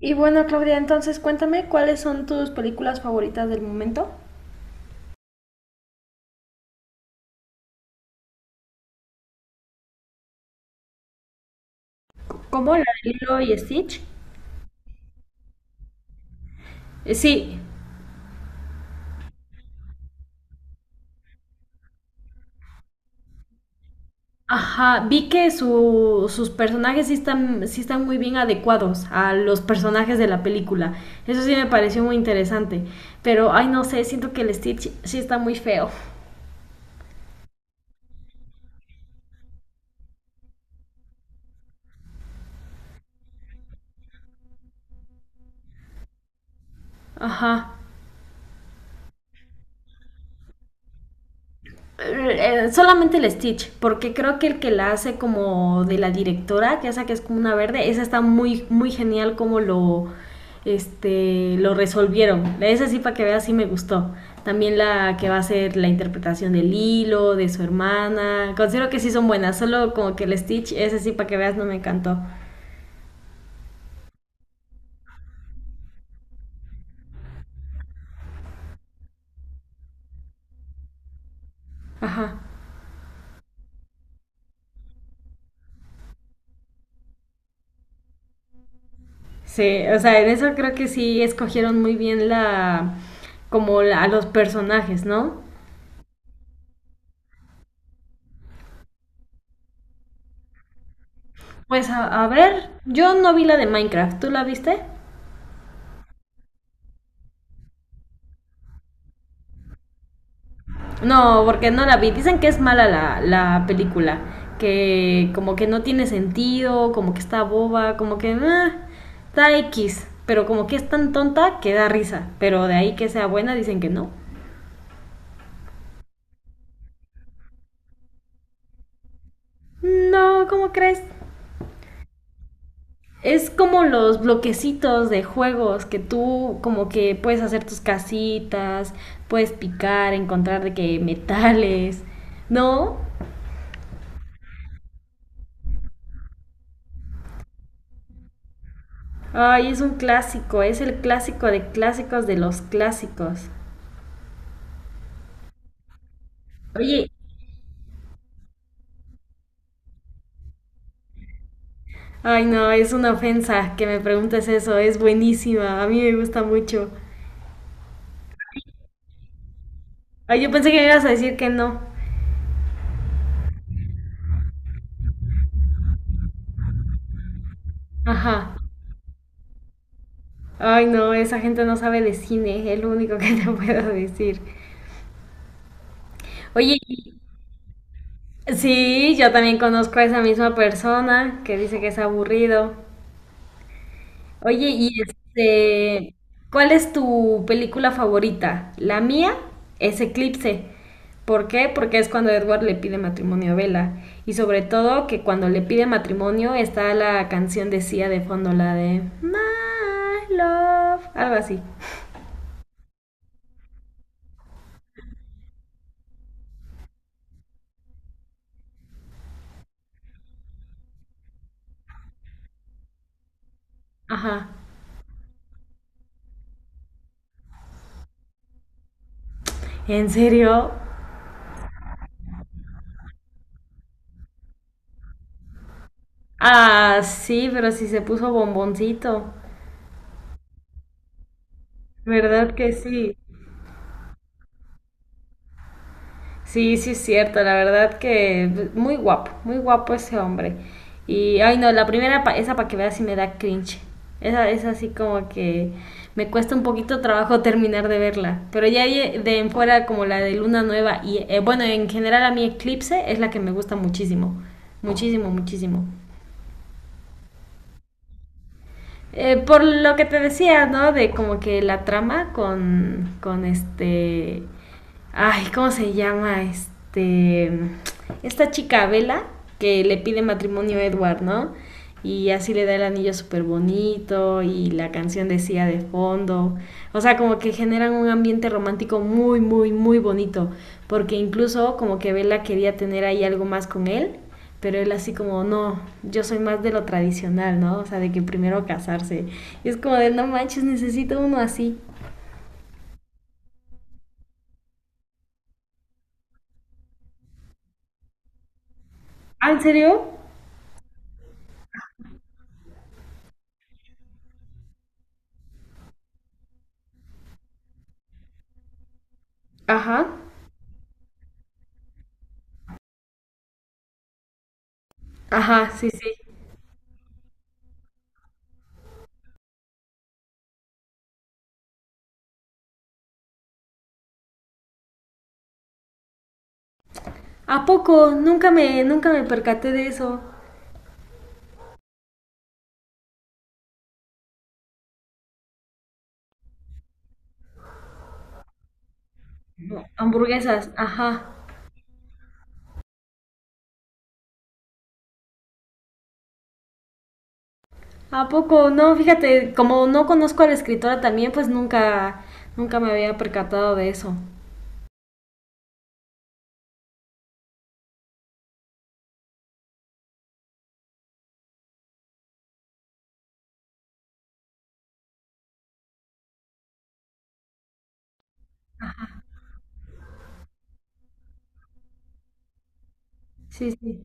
Y bueno, Claudia, entonces cuéntame cuáles son tus películas favoritas del momento. ¿Cómo la de Lilo y Stitch? Sí, ajá, vi que sus personajes sí están muy bien adecuados a los personajes de la película. Eso sí me pareció muy interesante. Pero, ay, no sé, siento que el Stitch sí está muy feo. Ajá. Solamente el Stitch, porque creo que el que la hace como de la directora, que esa que es como una verde, esa está muy, muy genial como lo resolvieron. Esa sí, para que veas, sí me gustó. También la que va a ser la interpretación del hilo, de su hermana. Considero que sí son buenas, solo como que el Stitch, ese sí, para que veas, no me encantó. Ajá. Sí, o sea, en eso creo que sí escogieron muy bien a los personajes, ¿no? Pues a ver, yo no vi la de Minecraft, ¿tú la viste? No, porque no la vi. Dicen que es mala la película, que como que no tiene sentido, como que está boba, como que ah, está X, pero como que es tan tonta que da risa, pero de ahí que sea buena dicen que no. No, ¿cómo crees? Es como los bloquecitos de juegos que tú como que puedes hacer tus casitas, puedes picar, encontrar de que metales, ¿no? Ay, es un clásico, es el clásico de clásicos de los clásicos. Oye, ay no, es una ofensa que me preguntes eso, es buenísima, a mí me gusta mucho. Ay, yo pensé que me ibas a decir que no. Ajá. Ay no, esa gente no sabe de cine, es lo único que te puedo decir. Oye, sí, yo también conozco a esa misma persona que dice que es aburrido. Oye, y ¿cuál es tu película favorita? La mía es Eclipse. ¿Por qué? Porque es cuando Edward le pide matrimonio a Bella. Y sobre todo que cuando le pide matrimonio está la canción de Sia de fondo, la de My Love, algo así. Ajá. ¿En serio? Ah, sí, pero si se puso bomboncito. ¿Verdad que sí? Sí, sí, es cierto, la verdad que muy guapo ese hombre. Y, ay no, la primera, esa para que veas si me da cringe. Esa es así como que me cuesta un poquito trabajo terminar de verla. Pero ya de en fuera como la de Luna Nueva y, bueno, en general a mí Eclipse es la que me gusta muchísimo. Muchísimo, muchísimo. Por lo que te decía, ¿no? De como que la trama con este... Ay, ¿cómo se llama? Este... Esta chica Vela que le pide matrimonio a Edward, ¿no? Y así le da el anillo súper bonito y la canción decía de fondo. O sea, como que generan un ambiente romántico muy, muy, muy bonito. Porque incluso como que Bella quería tener ahí algo más con él pero él así como, no, yo soy más de lo tradicional, ¿no? O sea, de que primero casarse. Y es como de, no manches, necesito uno así. ¿Ah, en serio? Ajá. Ajá, sí, sí. ¿A poco? Nunca nunca me percaté de eso. No, hamburguesas, ajá. ¿A poco? No, fíjate, como no conozco a la escritora también, pues nunca, nunca me había percatado de eso. Sí, sí.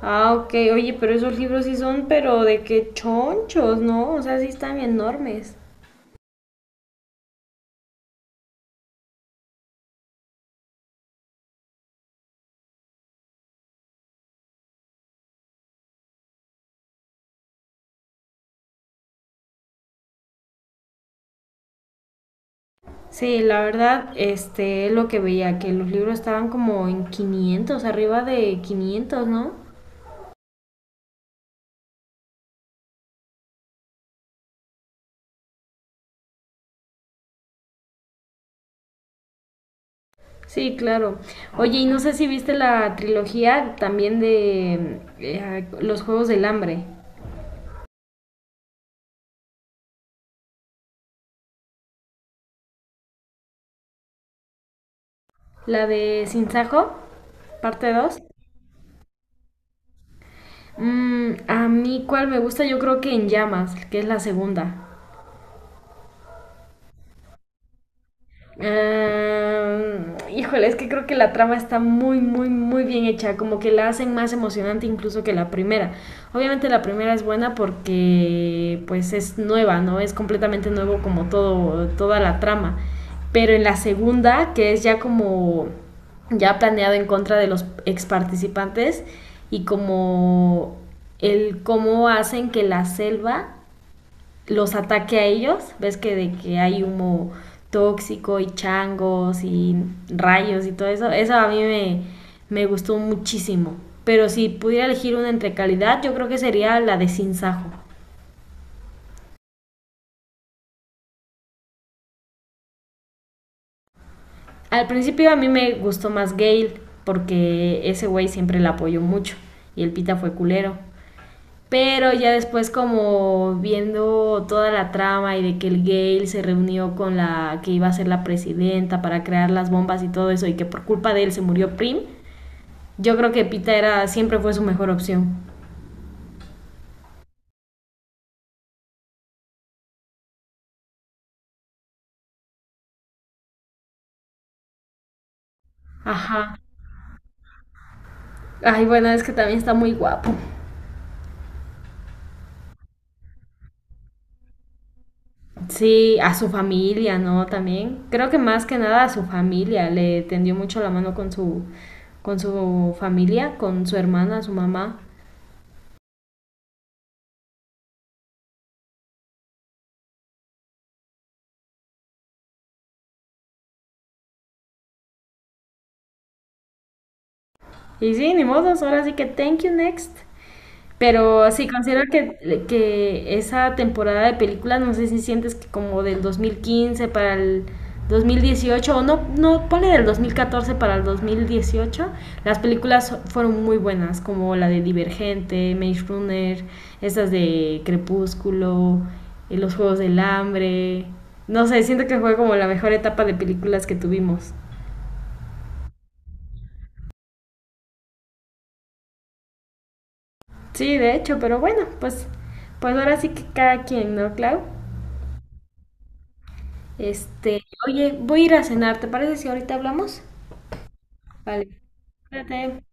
Ah, ok, oye, pero esos libros sí son, pero de qué chonchos, ¿no? O sea, sí están enormes. Sí, la verdad, es lo que veía, que los libros estaban como en 500, arriba de 500, ¿no? Sí, claro. Oye, y no sé si viste la trilogía también de Los Juegos del Hambre, la de Sinsajo, parte 2. Mm, a mí, ¿cuál me gusta? Yo creo que En Llamas, que es la segunda. Ah, híjole, es que creo que la trama está muy, muy, muy bien hecha, como que la hacen más emocionante incluso que la primera. Obviamente la primera es buena porque pues es nueva, ¿no? Es completamente nuevo como todo, toda la trama. Pero en la segunda, que es ya como ya planeado en contra de los ex participantes y como el cómo hacen que la selva los ataque a ellos, ves que de que hay humo tóxico y changos y rayos y todo eso, eso a me gustó muchísimo. Pero si pudiera elegir una entre calidad, yo creo que sería la de Sin Sajo. Al principio a mí me gustó más Gale, porque ese güey siempre la apoyó mucho y el pita fue culero. Pero ya después como viendo toda la trama y de que el Gale se reunió con la que iba a ser la presidenta para crear las bombas y todo eso y que por culpa de él se murió Prim, yo creo que Pita era siempre fue su mejor opción. Ajá. Ay, bueno, es que también está muy guapo. Sí, a su familia, ¿no? También. Creo que más que nada a su familia. Le tendió mucho la mano con con su familia, con su hermana, su mamá. Y sí, ni modos, ahora sí que thank you next. Pero sí, considero que esa temporada de películas, no sé si sientes que como del 2015 para el 2018, o no, no, ponle del 2014 para el 2018, las películas fueron muy buenas, como la de Divergente, Maze Runner, estas de Crepúsculo, Los Juegos del Hambre. No sé, siento que fue como la mejor etapa de películas que tuvimos. Sí, de hecho, pero bueno, pues ahora sí que cada quien, ¿no, Clau? Este, oye, voy a ir a cenar, ¿te parece si ahorita hablamos? Vale, cuídate.